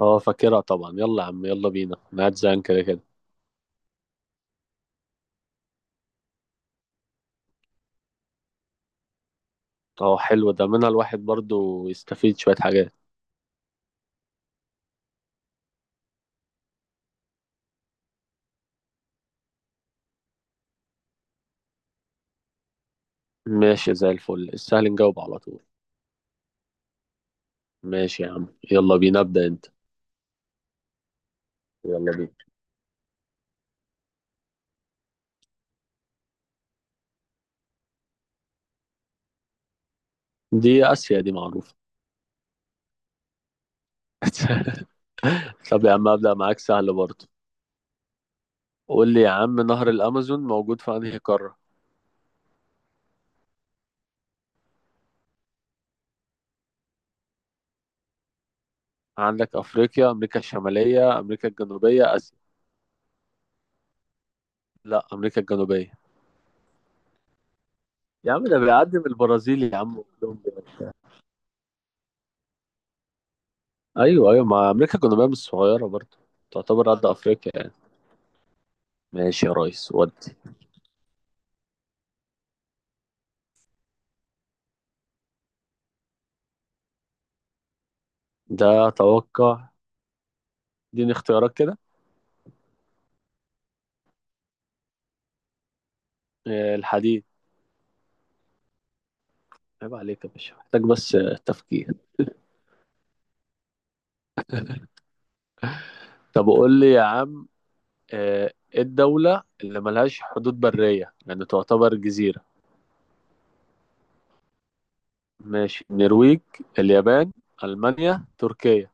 اه فاكرها طبعا، يلا يا عم يلا بينا. انا قاعد زهقان كده كده. اه، حلو ده، منها الواحد برضو يستفيد شوية حاجات. ماشي، زي الفل، السهل نجاوب على طول. ماشي يا عم، يلا بينا ابدأ انت. يلا بينا. دي آسيا، دي معروفة. طب يا عم، ابدأ معاك سهل برضو. قول لي يا عم، نهر الأمازون موجود في أنهي قارة؟ عندك أفريقيا، أمريكا الشمالية، أمريكا الجنوبية، آسيا. لا، أمريكا الجنوبية. يا عم ده بيعدي من البرازيل يا عم، وكولومبيا. ايوه ايوه، مع امريكا كنا بقى، مش صغيره برضه. تعتبر قد افريقيا يعني. ماشي يا ريس، ودي. ده اتوقع. اديني اختيارات كده. الحديد. عيب عليك يا باشا، محتاج بس تفكير. طب قول لي يا عم، ايه الدوله اللي ملهاش حدود بريه يعني تعتبر جزيره؟ ماشي، النرويج، اليابان، المانيا، تركيا.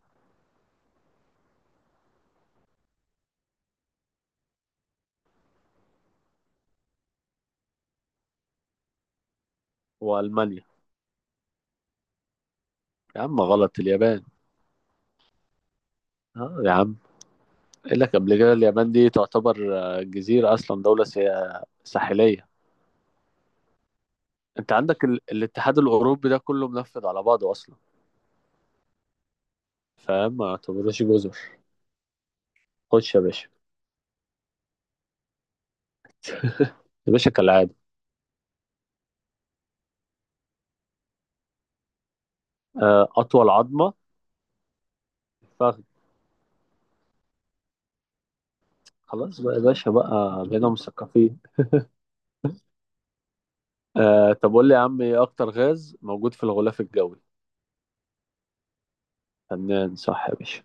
والمانيا. يا عم غلط، اليابان. اه يا عم. قال لك قبل كده اليابان دي تعتبر جزيره، اصلا دوله ساحليه. انت عندك الاتحاد الاوروبي ده كله منفذ على بعضه اصلا. فاهم، ما يعتبروش جزر. خش يا باشا. يا باشا كالعاده. اطول عظمه، الفخذ. خلاص بقى يا باشا، بقى بقينا مثقفين. طب قول لي يا عم، ايه اكتر غاز موجود في الغلاف الجوي؟ فنان، صح يا باشا.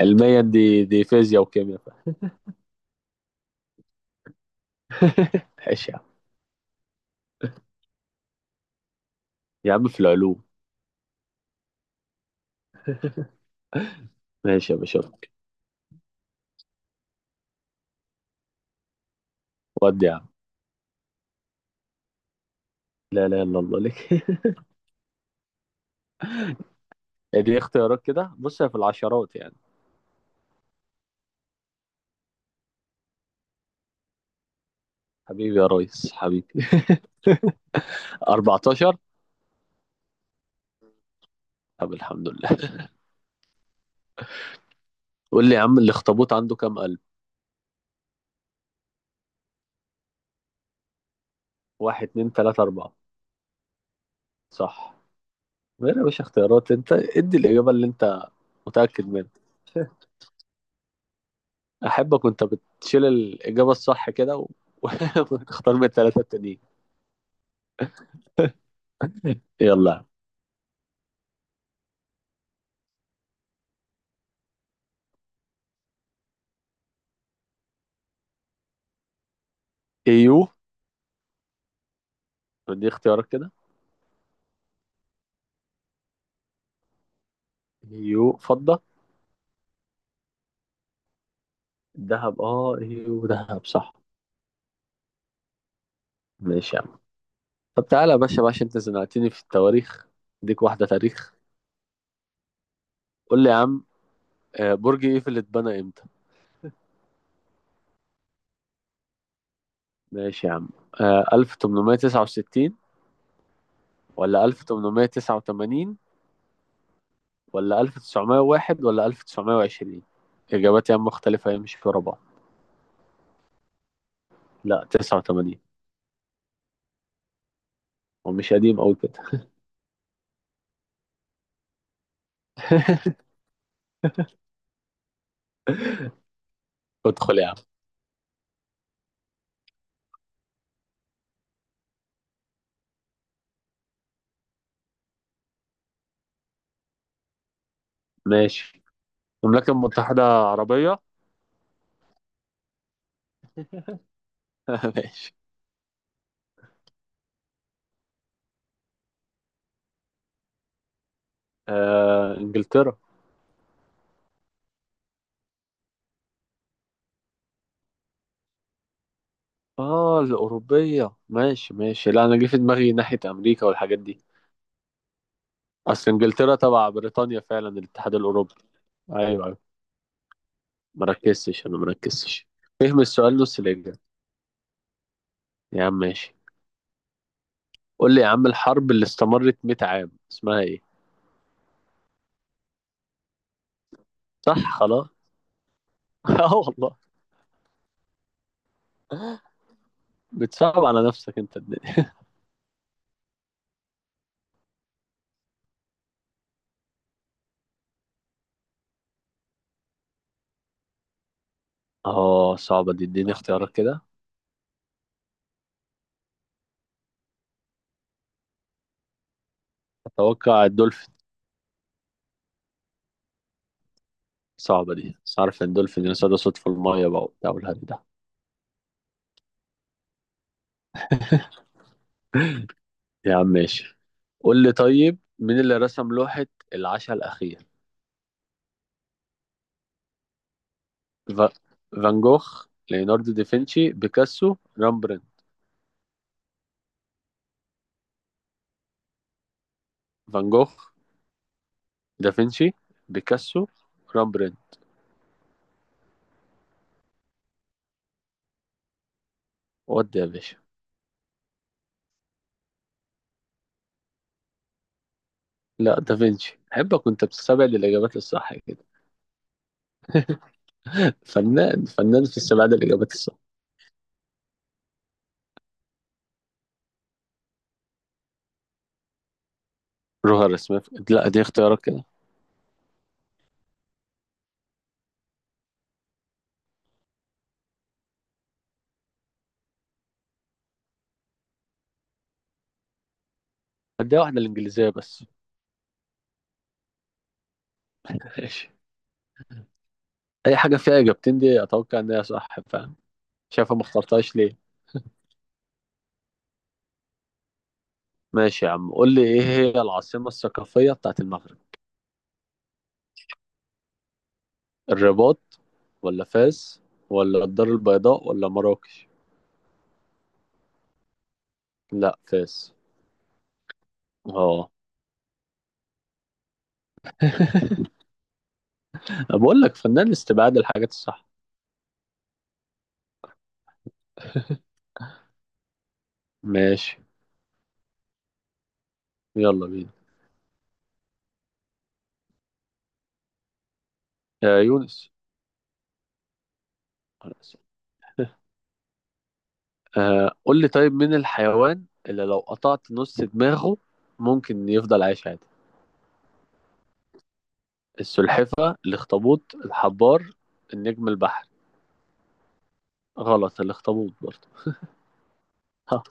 علميا، دي فيزياء وكيمياء. ماشي يا عم. يا عم في العلوم. ماشي يا باشا. ودي يا عم. لا لا، الا الله لك. دي اختيارات كده، بص هي في العشرات يعني. حبيبي يا ريس، حبيبي. 14. طب الحمد لله. قول لي يا عم، الاخطبوط عنده كام قلب؟ واحد، اتنين، تلاتة، أربعة. صح. غير يا باشا اختيارات، انت ادي الإجابة اللي انت متأكد منها. أحبك وانت بتشيل الإجابة الصح كده وتختار من التلاتة التانيين. يلا. ايو. دي اختيارات كده. ايو فضة. دهب، اه ايو دهب، صح. ماشي يا عم. طب تعالى يا باشا بقى، عشان انت زنقتني في التواريخ، اديك واحدة تاريخ. قول لي يا عم، برج ايفل اتبنى امتى؟ ماشي يا عم. 1869 ولا 1889 ولا 1901 ولا 1920؟ إجابات يا عم مختلفة، هي مش في بعض. لا، 89. هو مش قديم أوي كده. ادخل يا عم. ماشي. المملكة المتحدة عربية؟ ماشي. إنجلترا. الأوروبية، ماشي ماشي. لا، أنا جه في دماغي ناحية أمريكا والحاجات دي. أصل إنجلترا تبع بريطانيا فعلا الاتحاد الأوروبي. أيوه أيوه. مركزتش، أنا مركزتش. فهم السؤال نص الإجابة. يا عم ماشي. قول لي يا عم، الحرب اللي استمرت 100 عام اسمها ايه؟ صح، خلاص. اه والله. بتصعب على نفسك انت الدنيا. اه، صعبة دي، اديني اختيارات كده. اتوقع الدولفين. صعبة دي، بس عارف ان الدولفين يصطاد صوت في المية بقى وبتاع والهري ده. يا عم ماشي. قول لي طيب، مين اللي رسم لوحة العشاء الأخير؟ ف... فان جوخ، ليوناردو دافنشي، بيكاسو، رامبرين. فان جوخ. دافنشي. بيكاسو. رامبرين. ودي يا باشا. لا، دافنشي. احبك وانت بتستبعد الاجابات الصح كده. فنان فنان في استبعاد الاجابات الصح. جوهر اسمها. لا، دي اختيارات كده. هديها واحده، الانجليزيه بس. ماشي. اي حاجه فيها اجابتين دي اتوقع ان هي صح، فاهم. شايفه، ما اخترتهاش ليه. ماشي يا عم، قول لي ايه هي العاصمه الثقافيه بتاعت المغرب؟ الرباط، ولا فاس، ولا الدار البيضاء، ولا مراكش. لا، فاس. اه. بقول لك فنان استبعاد الحاجات الصح. ماشي. يلا بينا. يا يونس. قول لي طيب، مين الحيوان اللي لو قطعت نص دماغه ممكن يفضل عايش عادي؟ السلحفة، الاخطبوط، الحبار، النجم البحري. غلط، الاخطبوط برضه. ها.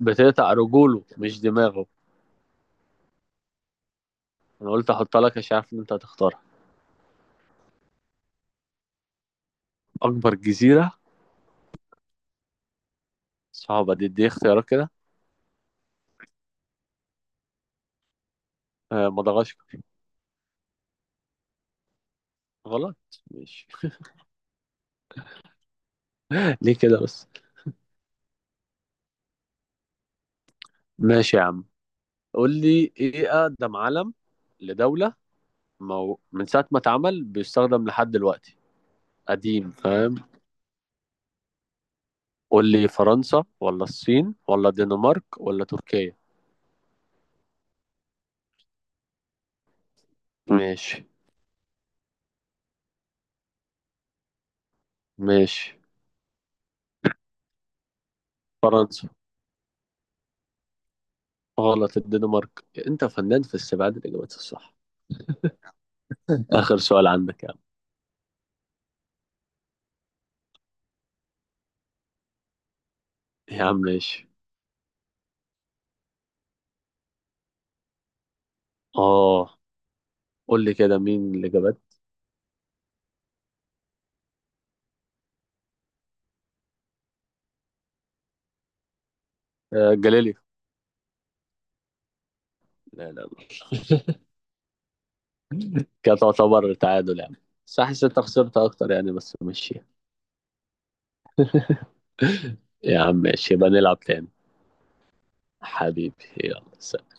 بتقطع رجوله مش دماغه. انا قلت احطها لك عشان عارف ان انت هتختارها. اكبر جزيرة. صعبة دي اختيارات كده. مدغشقر. غلط. ماشي. ليه كده بس. ماشي يا عم. قول لي ايه اقدم علم لدولة من ساعة ما اتعمل بيستخدم لحد دلوقتي؟ قديم، فاهم. قول لي، فرنسا ولا الصين ولا الدنمارك ولا تركيا؟ ماشي. ماشي. فرنسا. غلط، الدنمارك. انت فنان في استبعاد الاجابات الصح. اخر سؤال عندك يا عم. يا عم ماشي. اه، قول لي كده مين الاجابات. جاليليو. لا لا لا. كانت تعتبر تعادل يعني. صح، انت خسرت اكتر يعني، بس ماشي. يا عم ماشي، يبقى نلعب تاني. حبيبي. يلا سلام.